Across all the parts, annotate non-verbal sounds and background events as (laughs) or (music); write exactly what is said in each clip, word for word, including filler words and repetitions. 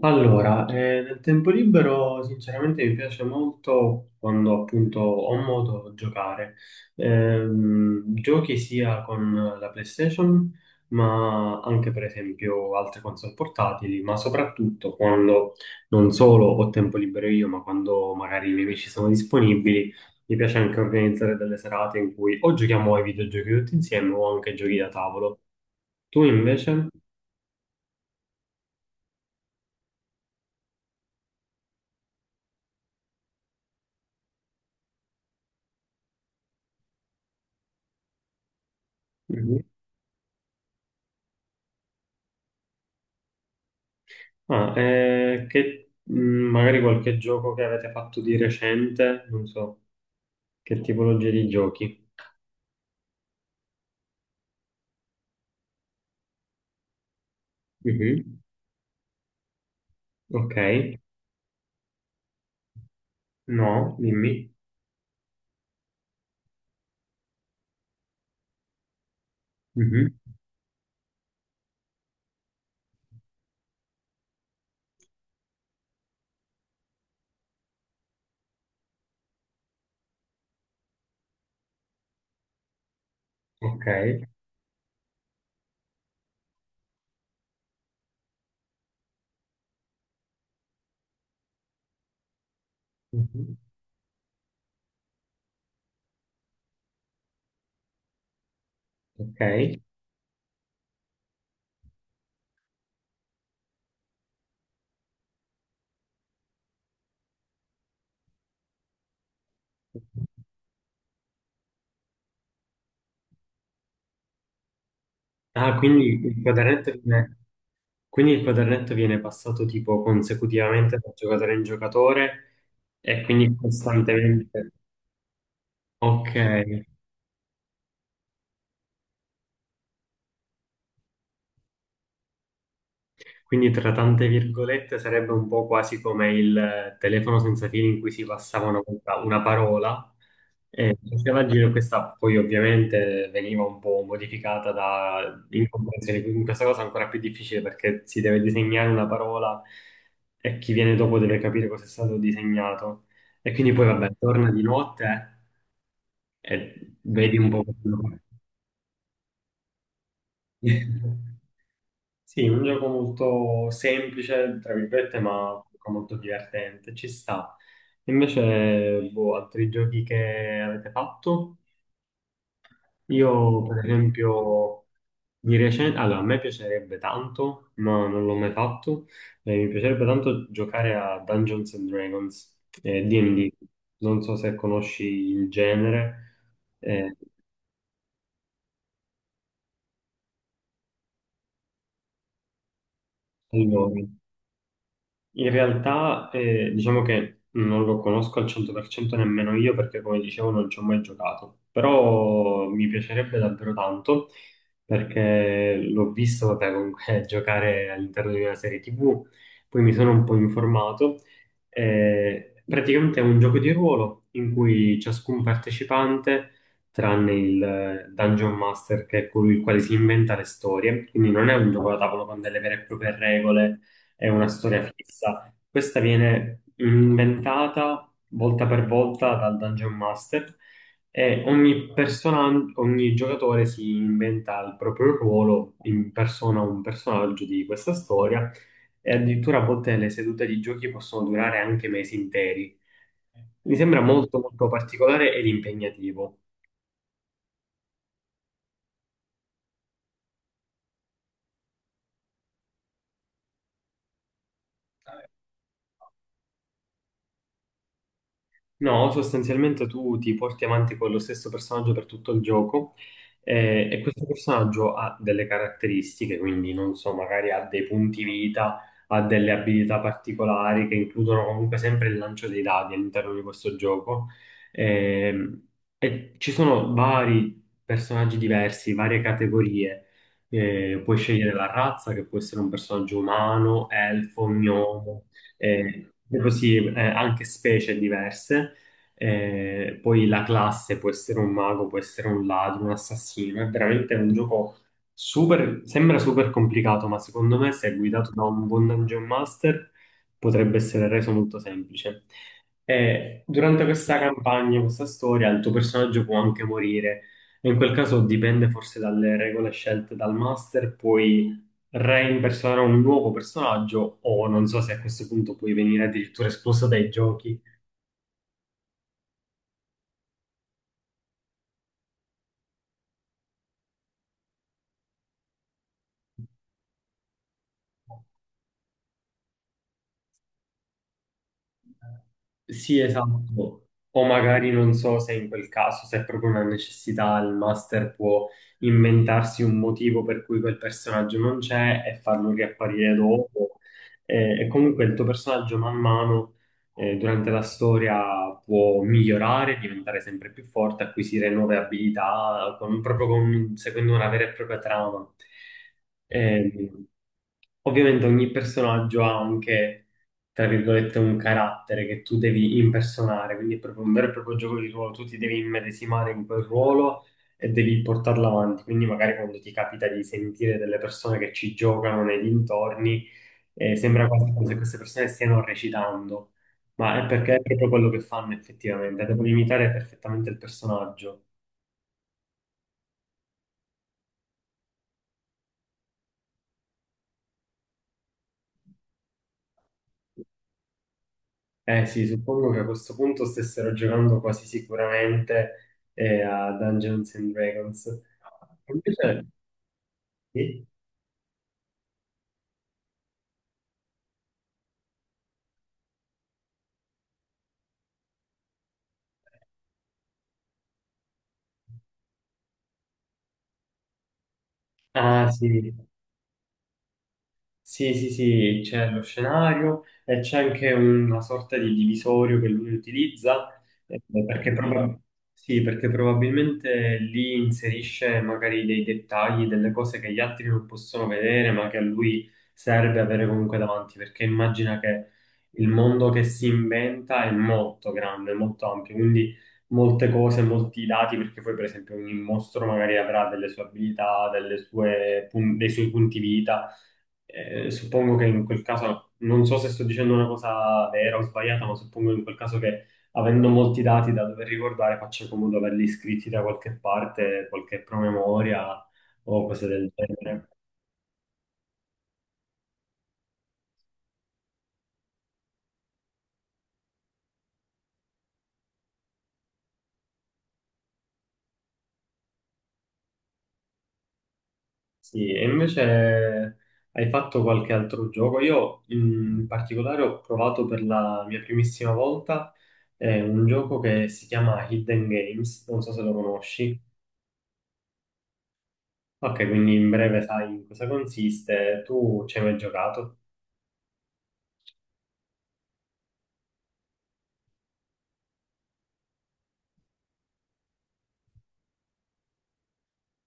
Allora, eh, nel tempo libero sinceramente mi piace molto quando appunto ho modo di giocare. Ehm, giochi sia con la PlayStation, ma anche per esempio altre console portatili, ma soprattutto quando non solo ho tempo libero io, ma quando magari i miei amici sono disponibili, mi piace anche organizzare delle serate in cui o giochiamo ai videogiochi tutti insieme o anche giochi da tavolo. Tu invece? Ah, eh, che, mh, magari qualche gioco che avete fatto di recente, non so, che tipologia di giochi? Mhm. Ok. No, dimmi. Mhm. Ok. Mhm. Ok. Ah, quindi il quadernetto viene, quindi il quadernetto viene passato tipo consecutivamente da giocatore in giocatore e quindi costantemente. Ok. Quindi tra tante virgolette sarebbe un po' quasi come il eh, telefono senza fili in cui si passava una volta una parola e faceva giro questa poi ovviamente veniva un po' modificata da incomprensione, quindi questa cosa è ancora più difficile perché si deve disegnare una parola e chi viene dopo deve capire cosa è stato disegnato e quindi poi vabbè torna di notte e vedi un po' quello che- (laughs) Sì, un gioco molto semplice, tra virgolette, ma comunque molto divertente, ci sta. Invece, boh, altri giochi che avete fatto? Io, per esempio, di recente, allora, a me piacerebbe tanto, ma non l'ho mai fatto, eh, mi piacerebbe tanto giocare a Dungeons and Dragons, eh, D e D, non so se conosci il genere. Eh, allora, in realtà, eh, diciamo che non lo conosco al cento per cento nemmeno io perché, come dicevo, non ci ho mai giocato. Però mi piacerebbe davvero tanto perché l'ho visto, vabbè, comunque (laughs) giocare all'interno di una serie T V, poi mi sono un po' informato. Eh, praticamente è un gioco di ruolo in cui ciascun partecipante, tranne il eh, Dungeon Master, che è colui il quale si inventa le storie, quindi non è un gioco da tavolo con delle vere e proprie regole, è una storia fissa. Questa viene inventata volta per volta dal Dungeon Master e ogni persona, ogni giocatore si inventa il proprio ruolo, in persona un personaggio di questa storia e addirittura a volte le sedute di giochi possono durare anche mesi interi. Mi sembra molto molto particolare ed impegnativo. No, sostanzialmente tu ti porti avanti con lo stesso personaggio per tutto il gioco, eh, e questo personaggio ha delle caratteristiche, quindi non so, magari ha dei punti vita, ha delle abilità particolari che includono comunque sempre il lancio dei dadi all'interno di questo gioco. Ehm, e ci sono vari personaggi diversi, varie categorie. Eh, puoi scegliere la razza, che può essere un personaggio umano, elfo, gnomo, eh, e così eh, anche specie diverse. Eh, poi la classe può essere un mago, può essere un ladro, un assassino. È veramente un gioco super, sembra super complicato, ma secondo me, se guidato da un buon dungeon master, potrebbe essere reso molto semplice. E durante questa campagna, questa storia, il tuo personaggio può anche morire. E in quel caso dipende forse dalle regole scelte dal master, puoi reimpersonare un nuovo personaggio o non so se a questo punto puoi venire addirittura espulso dai giochi. Sì, esatto. O magari non so se in quel caso, se è proprio una necessità, il master può inventarsi un motivo per cui quel personaggio non c'è e farlo riapparire dopo. Eh, E, comunque il tuo personaggio man mano, eh, durante la storia può migliorare, diventare sempre più forte, acquisire nuove abilità, con- proprio con- seguendo una vera e propria trama. Ehm, Ovviamente ogni personaggio ha anche, tra virgolette, un carattere che tu devi impersonare, quindi è proprio un vero e proprio gioco di ruolo, tu ti devi immedesimare in quel ruolo e devi portarlo avanti, quindi magari quando ti capita di sentire delle persone che ci giocano nei dintorni, eh, sembra quasi come se queste persone stiano recitando, ma è perché è proprio quello che fanno effettivamente, devono imitare perfettamente il personaggio. Eh sì, suppongo che a questo punto stessero giocando quasi sicuramente eh, a Dungeons and Dragons. Invece, sì. Ah, sì, sì, sì, sì, c'è lo scenario e c'è anche una sorta di divisorio che lui utilizza, eh, perché, proba- sì, perché probabilmente lì inserisce magari dei dettagli, delle cose che gli altri non possono vedere, ma che a lui serve avere comunque davanti, perché immagina che il mondo che si inventa è molto grande, molto ampio, quindi molte cose, molti dati, perché poi per esempio ogni mostro magari avrà delle sue abilità, delle sue pun- dei suoi punti vita. Eh, suppongo che in quel caso, non so se sto dicendo una cosa vera o sbagliata, ma suppongo in quel caso che avendo molti dati da dover ricordare, faccia comodo averli iscritti da qualche parte, qualche promemoria o cose del genere. Sì, e invece hai fatto qualche altro gioco? Io in particolare ho provato per la mia primissima volta eh, un gioco che si chiama Hidden Games, non so se lo conosci. Ok, quindi in breve sai in cosa consiste, tu ci hai mai giocato?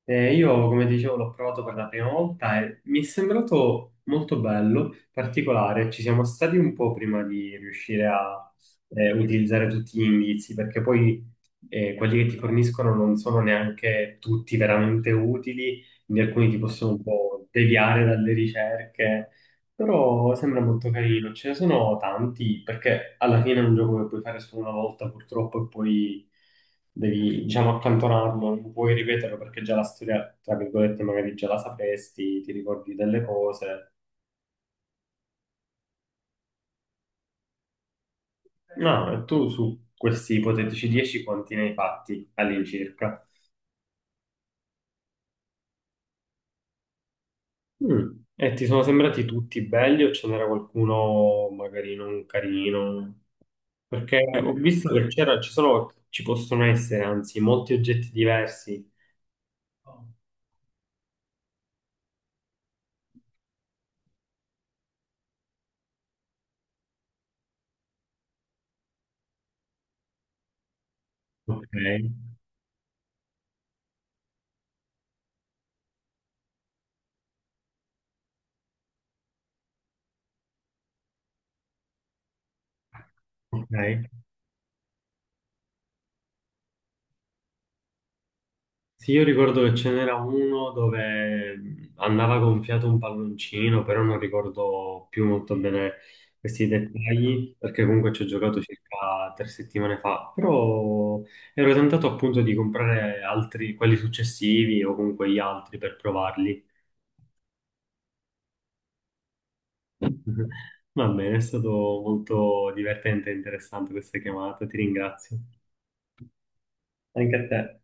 Eh, io, come dicevo, l'ho provato per la prima volta e mi è sembrato molto bello, particolare. Ci siamo stati un po' prima di riuscire a eh, utilizzare tutti gli indizi, perché poi eh, quelli che ti forniscono non sono neanche tutti veramente utili, quindi alcuni ti possono un po' deviare dalle ricerche. Però sembra molto carino, ce ne sono tanti, perché alla fine è un gioco che puoi fare solo una volta purtroppo e poi devi, diciamo, accantonarlo, non puoi ripeterlo perché già la storia, tra virgolette, magari già la sapresti, ti ricordi delle cose. No, e tu su questi ipotetici dieci quanti ne hai fatti all'incirca? Mm. E ti sono sembrati tutti belli o ce n'era qualcuno magari non carino? Perché ho visto che c'era, ci sono, ci possono essere anzi molti oggetti diversi. Ok, ok. Sì, io ricordo che ce n'era uno dove mh, andava gonfiato un palloncino, però non ricordo più molto bene questi dettagli, perché comunque ci ho giocato circa tre settimane fa. Però ero tentato appunto di comprare altri, quelli successivi o comunque gli altri per provarli. (laughs) Va bene, è stato molto divertente e interessante questa chiamata, ti ringrazio. Anche a te.